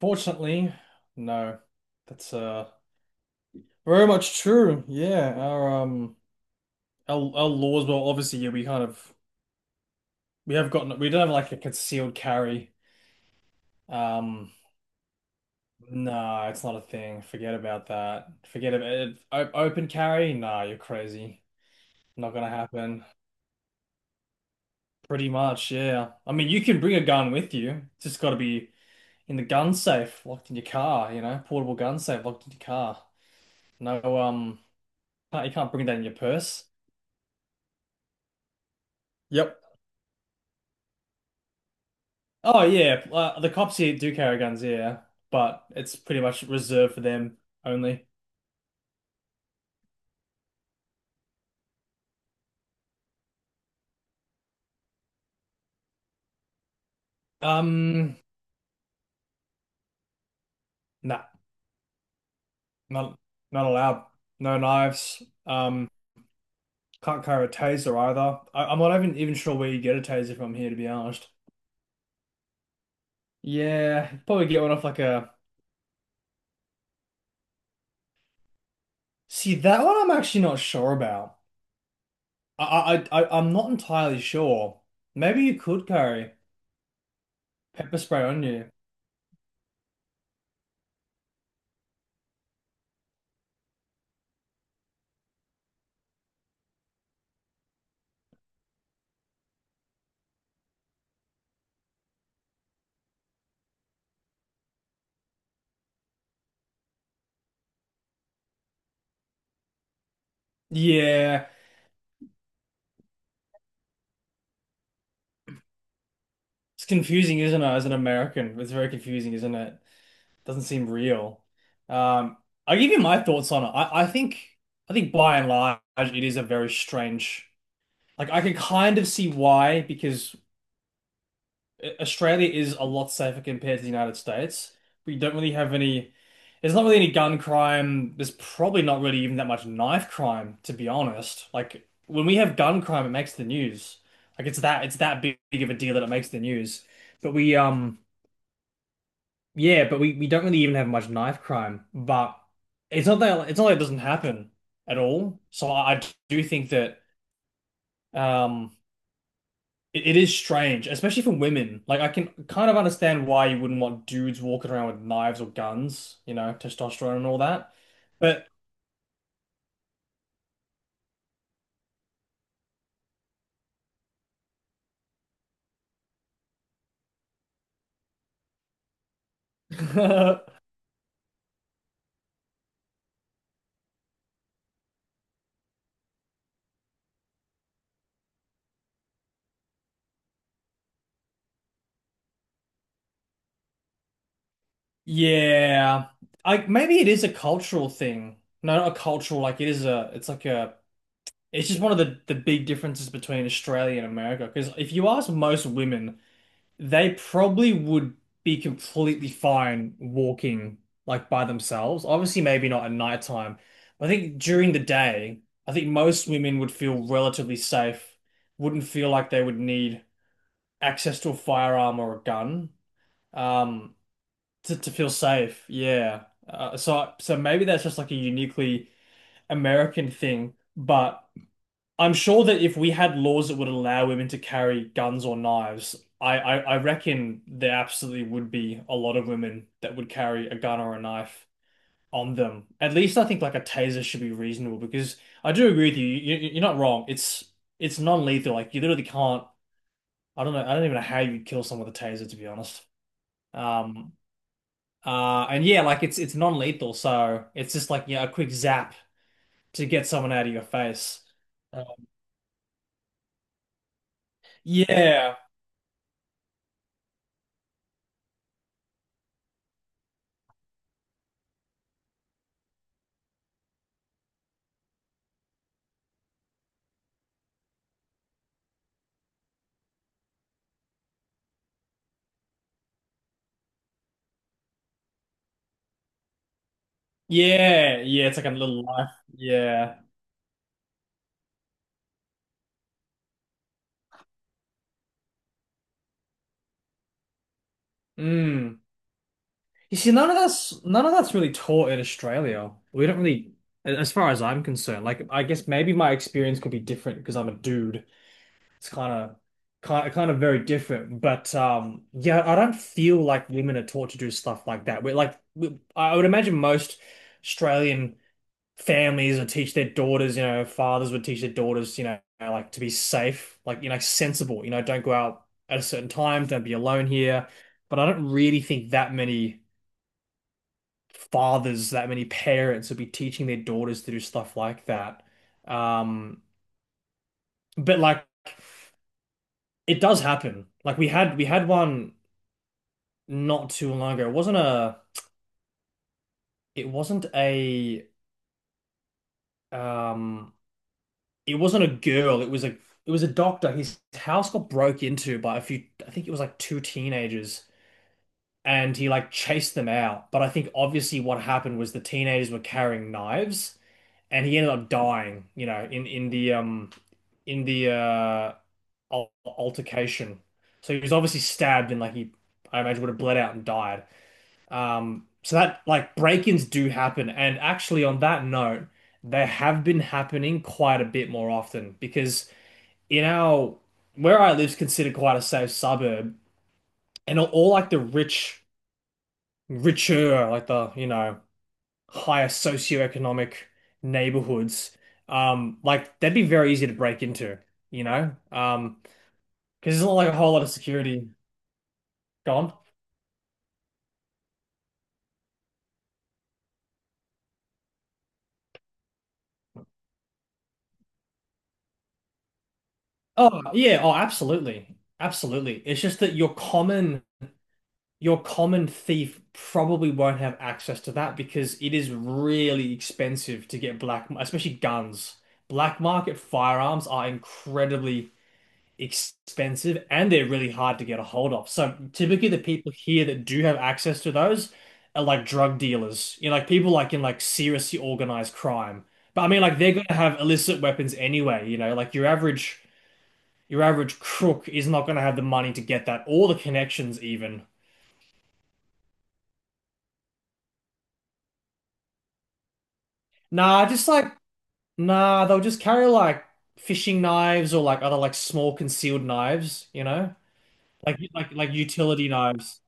Fortunately, no. That's very much true. Yeah, our our laws, well, obviously, yeah, we kind of we have gotten we don't have like a concealed carry. Um, no, it's not a thing. Forget about that. Forget about it. O Open carry? Nah, you're crazy. Not gonna happen. Pretty much, yeah. I mean, you can bring a gun with you. It's just got to be in the gun safe, locked in your car. You know, portable gun safe, locked in your car. No, can't, you can't bring that in your purse. Yep. Oh yeah, the cops here do carry guns, yeah, but it's pretty much reserved for them only. Um, nah, not not allowed. No knives. Um, can't carry a taser either. I'm not even sure where you get a taser from here, to be honest. Yeah, probably get one off like a. See, that one I'm actually not sure about. I'm not entirely sure. Maybe you could carry pepper spray on you. Yeah, it's confusing, isn't it? As an American, it's very confusing, isn't it? Doesn't seem real. Um, I'll give you my thoughts on it. I think by and large it is a very strange. Like I can kind of see why, because Australia is a lot safer compared to the United States. We don't really have any. There's not really any gun crime. There's probably not really even that much knife crime, to be honest. Like when we have gun crime, it makes the news. Like it's that big of a deal that it makes the news. But we. Yeah, but we don't really even have much knife crime. But it's not like it doesn't happen at all. So I do think that um it is strange, especially for women. Like I can kind of understand why you wouldn't want dudes walking around with knives or guns, you know, testosterone and all that. But yeah, I maybe it is a cultural thing. No, not a cultural. Like it is a. It's like a. It's just one of the big differences between Australia and America. Because if you ask most women. They probably would be completely fine walking like by themselves. Obviously, maybe not at nighttime, but I think during the day, I think most women would feel relatively safe, wouldn't feel like they would need access to a firearm or a gun um, to feel safe. Yeah. So maybe that's just like a uniquely American thing, but I'm sure that if we had laws that would allow women to carry guns or knives, I reckon there absolutely would be a lot of women that would carry a gun or a knife on them. At least I think like a taser should be reasonable because I do agree with you. You- are not wrong. It's non-lethal. Like you literally can't. I don't know. I don't even know how you'd kill someone with a taser, to be honest. Um. And yeah, like it's non-lethal, so it's just like yeah, a quick zap to get someone out of your face. Uh, yeah. Yeah, yeah, it's like a little life. Yeah. Mm. You see, none of that's really taught in Australia. We don't really, as far as I'm concerned. Like, I guess maybe my experience could be different because I'm a dude. It's kind of kind of very different. But yeah, I don't feel like women are taught to do stuff like that. I would imagine most Australian families would teach their daughters, you know, fathers would teach their daughters, you know, like to be safe, like, you know, sensible, you know, don't go out at a certain time, don't be alone here. But I don't really think that many fathers, that many parents would be teaching their daughters to do stuff like that. Um, but like it does happen. Like we had one not too long ago. It wasn't a um it wasn't a girl, it was a doctor. His house got broke into by a few, I think it was like two teenagers, and he like chased them out. But I think obviously what happened was the teenagers were carrying knives, and he ended up dying, you know, in the in the uh altercation. So he was obviously stabbed and like he, I imagine, would have bled out and died. So that like break-ins do happen, and actually on that note, they have been happening quite a bit more often because in our where I live's considered quite a safe suburb, and all like the rich, richer, like the you know higher socioeconomic neighborhoods, like that'd be very easy to break into, you know, because there's not like a whole lot of security gone. Oh yeah, oh absolutely, absolutely. It's just that your common thief probably won't have access to that because it is really expensive to get black, especially guns. Black market firearms are incredibly expensive and they're really hard to get a hold of. So typically the people here that do have access to those are like drug dealers, you know, like people like in like seriously organized crime. But I mean like they're gonna have illicit weapons anyway, you know, like your average crook is not gonna have the money to get that or the connections even. Nah, just like Nah, they'll just carry like fishing knives or like other like small concealed knives, you know? Like utility knives.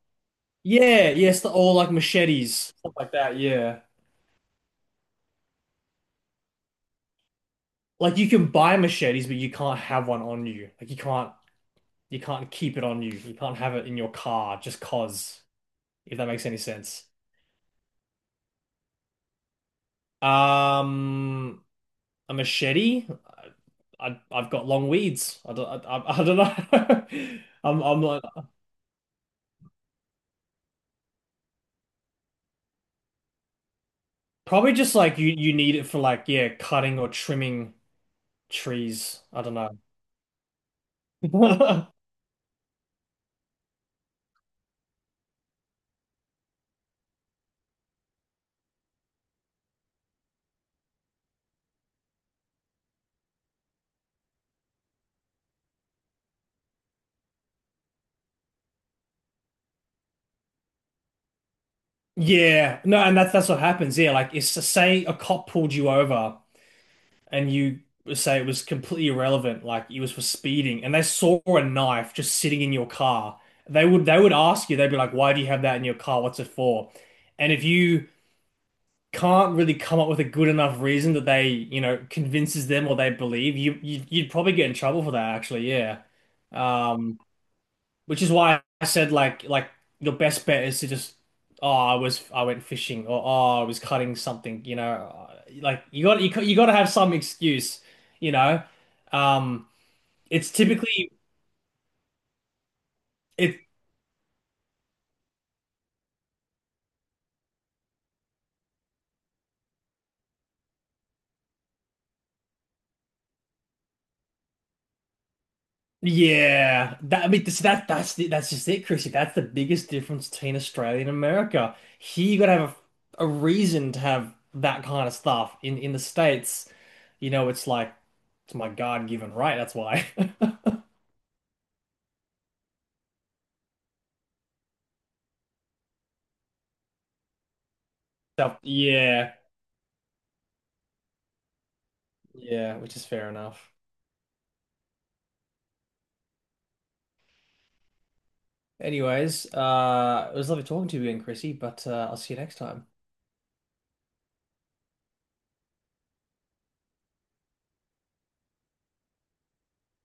Yeah, yes, they're all like machetes, stuff like that, yeah. Like you can buy machetes, but you can't have one on you. You can't keep it on you. You can't have it in your car just 'cause, if that makes any sense. Um, a machete? I've got long weeds. I don't know. I'm not probably just like you need it for like yeah, cutting or trimming trees. I don't know. Yeah, no, and that's what happens. Yeah, like it's to say a cop pulled you over and you say it was completely irrelevant, like it was for speeding, and they saw a knife just sitting in your car. They would ask you, they'd be like, "Why do you have that in your car? What's it for?" And if you can't really come up with a good enough reason that they, you know, convinces them or they believe, you'd probably get in trouble for that, actually. Yeah. Um, which is why I said like your best bet is to just oh I was I went fishing or oh I was cutting something, you know, like you got to have some excuse, you know. Um it's typically it yeah, that I mean that's that's just it, Chrissy, that's the biggest difference between Australia and America. Here you got to have a reason to have that kind of stuff in the States, you know, it's like it's my God-given right, that's why. So, yeah. Yeah, which is fair enough. Anyways, it was lovely talking to you again, Chrissy, but I'll see you next time.